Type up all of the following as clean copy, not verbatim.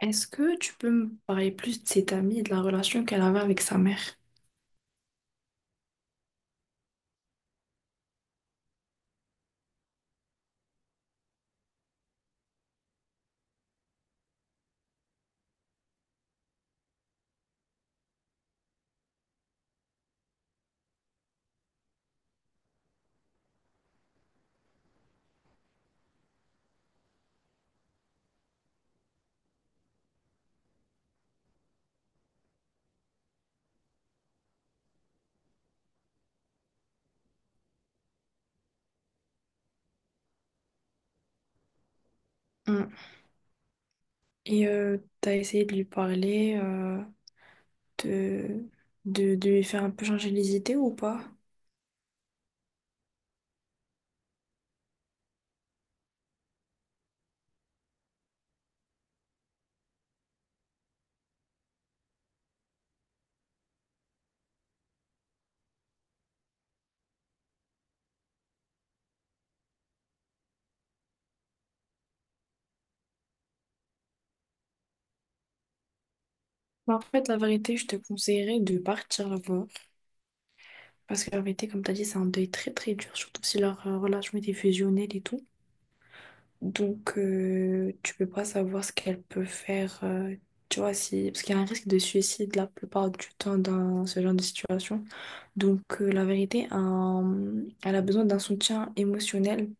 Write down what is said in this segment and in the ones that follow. Est-ce que tu peux me parler plus de cette amie et de la relation qu'elle avait avec sa mère? Mm. T'as essayé de lui parler, de, de lui faire un peu changer les idées ou pas? En fait, la vérité, je te conseillerais de partir la voir. Parce que la vérité, comme t'as dit, c'est un deuil très très dur, surtout si leur relation était fusionnelle et tout. Donc, tu peux pas savoir ce qu'elle peut faire, tu vois, si... parce qu'il y a un risque de suicide la plupart du temps dans ce genre de situation. Donc, la vérité, elle a besoin d'un soutien émotionnel.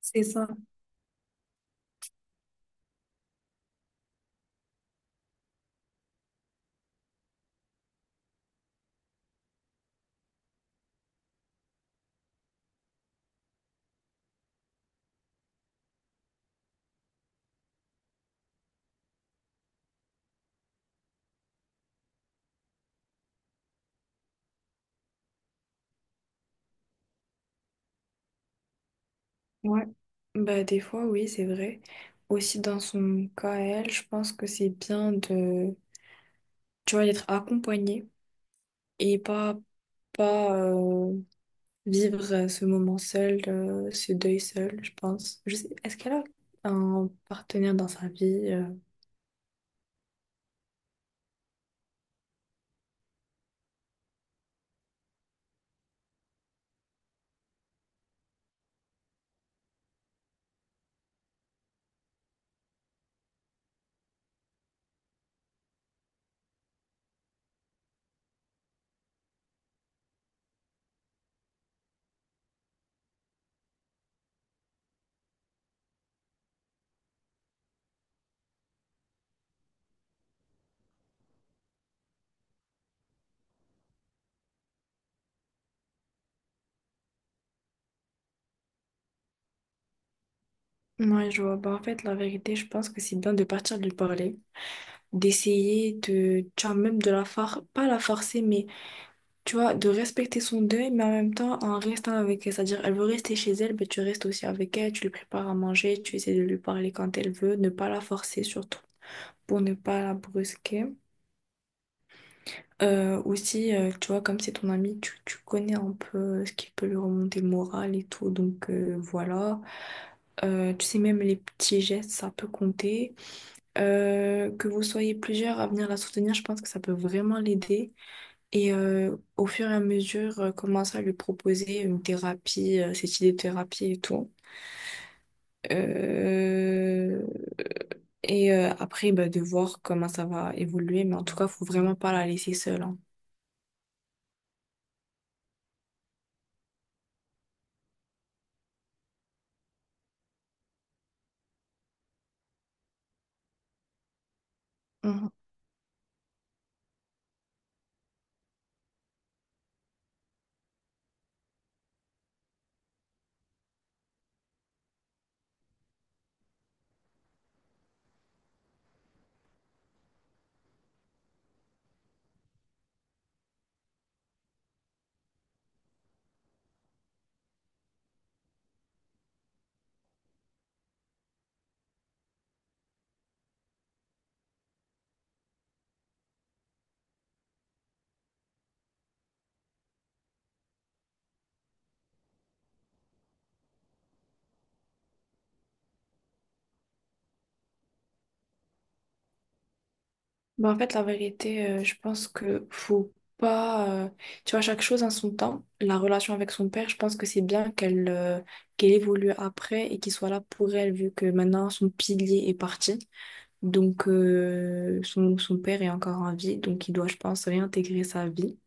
C'est ça. Ouais. Bah, des fois, oui, c'est vrai. Aussi, dans son cas, à elle, je pense que c'est bien de, tu vois, d'être accompagnée et pas, pas vivre ce moment seul, ce deuil seul, je pense. Je sais, est-ce qu'elle a un partenaire dans sa vie? Ouais, je vois. En fait, la vérité, je pense que c'est bien de partir de lui parler, d'essayer de, tu vois, même de la forcer, pas la forcer, mais tu vois, de respecter son deuil, mais en même temps en restant avec elle. C'est-à-dire, elle veut rester chez elle, mais tu restes aussi avec elle, tu lui prépares à manger, tu essaies de lui parler quand elle veut, ne pas la forcer surtout, pour ne pas la brusquer. Aussi, tu vois, comme c'est ton ami, tu connais un peu ce qui peut lui remonter le moral et tout, donc voilà. Tu sais, même les petits gestes, ça peut compter. Que vous soyez plusieurs à venir la soutenir, je pense que ça peut vraiment l'aider. Et au fur et à mesure, commencer à lui proposer une thérapie, cette idée de thérapie et tout. Euh, Après, bah, de voir comment ça va évoluer. Mais en tout cas, faut vraiment pas la laisser seule, hein. Mm. En fait, la vérité, je pense que faut pas. Tu vois, chaque chose en son temps. La relation avec son père, je pense que c'est bien qu'elle qu'elle évolue après et qu'il soit là pour elle, vu que maintenant son pilier est parti. Donc, son père est encore en vie, donc il doit, je pense, réintégrer sa vie.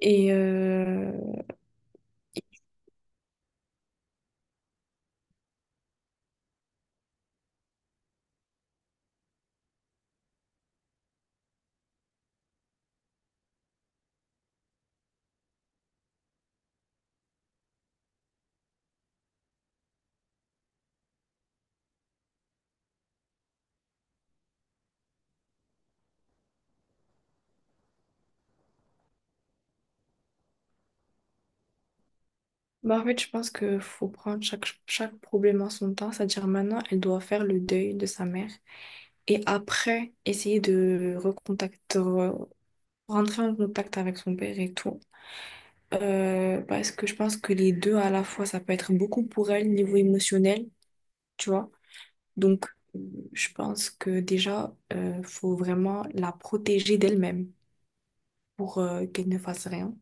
Et euh, En fait, je pense que faut prendre chaque problème en son temps. C'est-à-dire, maintenant, elle doit faire le deuil de sa mère et après, essayer de recontacter, rentrer en contact avec son père et tout. Parce que je pense que les deux à la fois, ça peut être beaucoup pour elle, niveau émotionnel, tu vois. Donc, euh, je pense que déjà, faut vraiment la protéger d'elle-même pour qu'elle ne fasse rien.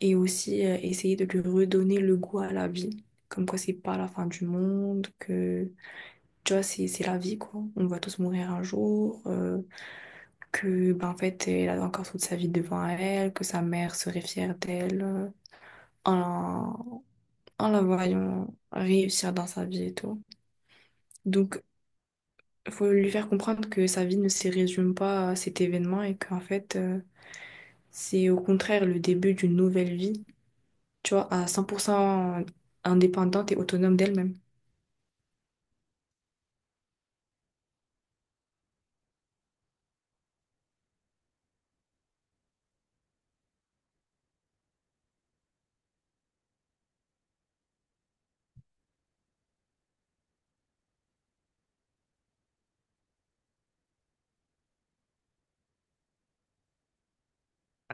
Et aussi, essayer de lui redonner le goût à la vie. Comme quoi, c'est pas la fin du monde, que, tu vois, c'est la vie, quoi. On va tous mourir un jour, que, ben, en fait, elle a encore toute sa vie devant elle, que sa mère serait fière d'elle, en, en la voyant réussir dans sa vie et tout. Donc, faut lui faire comprendre que sa vie ne se résume pas à cet événement et qu'en fait, c'est au contraire le début d'une nouvelle vie, tu vois, à 100% indépendante et autonome d'elle-même.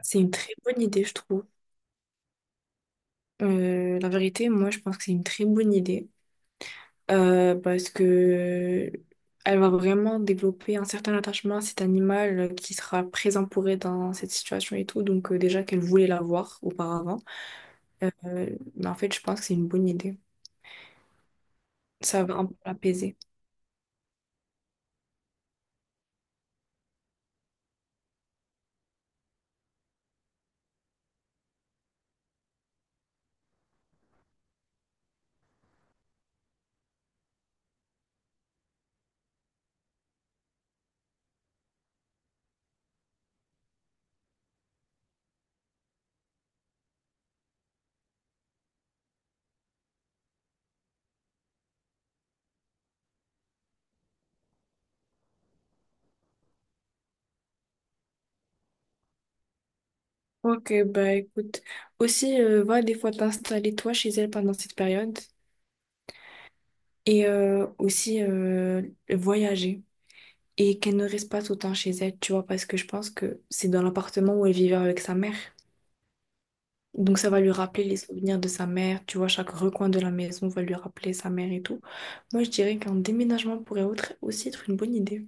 C'est une très bonne idée, je trouve. La vérité, moi, je pense que c'est une très bonne idée. Parce que elle va vraiment développer un certain attachement à cet animal qui sera présent pour elle dans cette situation et tout. Donc déjà qu'elle voulait l'avoir auparavant. Euh, mais en fait, je pense que c'est une bonne idée. Ça va un peu l'apaiser. Ok, bah écoute. Aussi, va des fois t'installer toi chez elle pendant cette période. Et aussi voyager. Et qu'elle ne reste pas tout le temps chez elle, tu vois, parce que je pense que c'est dans l'appartement où elle vivait avec sa mère. Donc ça va lui rappeler les souvenirs de sa mère, tu vois, chaque recoin de la maison va lui rappeler sa mère et tout. Moi, je dirais qu'un déménagement pourrait aussi être une bonne idée.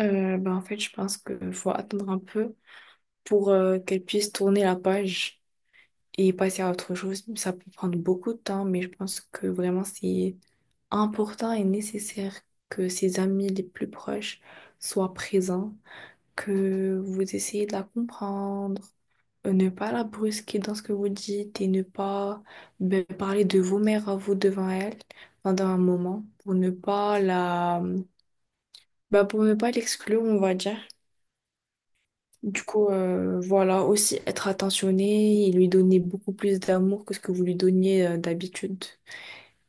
Ben, en fait, je pense qu'il faut attendre un peu pour qu'elle puisse tourner la page et passer à autre chose. Ça peut prendre beaucoup de temps, mais je pense que vraiment c'est important et nécessaire que ses amis les plus proches soient présents, que vous essayez de la comprendre, ne pas la brusquer dans ce que vous dites et ne pas, ben, parler de vos mères à vous devant elle pendant un moment pour ne pas la, ben, pour ne pas l'exclure, on va dire. Du coup, voilà, aussi être attentionné et lui donner beaucoup plus d'amour que ce que vous lui donniez d'habitude.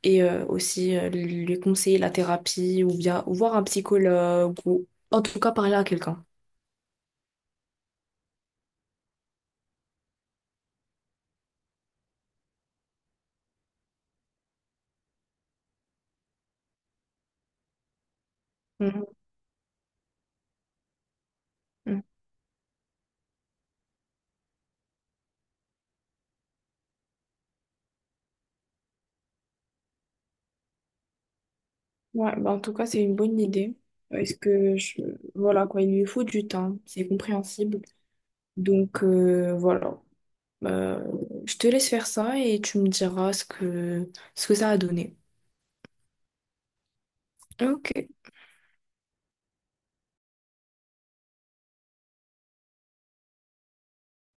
Et aussi lui conseiller la thérapie ou bien ou voir un psychologue ou en tout cas parler à quelqu'un. Mhm. Ouais, bah en tout cas, c'est une bonne idée. Parce que, je... voilà, quoi, il lui faut du temps, c'est compréhensible. Donc, voilà. Euh, je te laisse faire ça et tu me diras ce que ça a donné. Ok.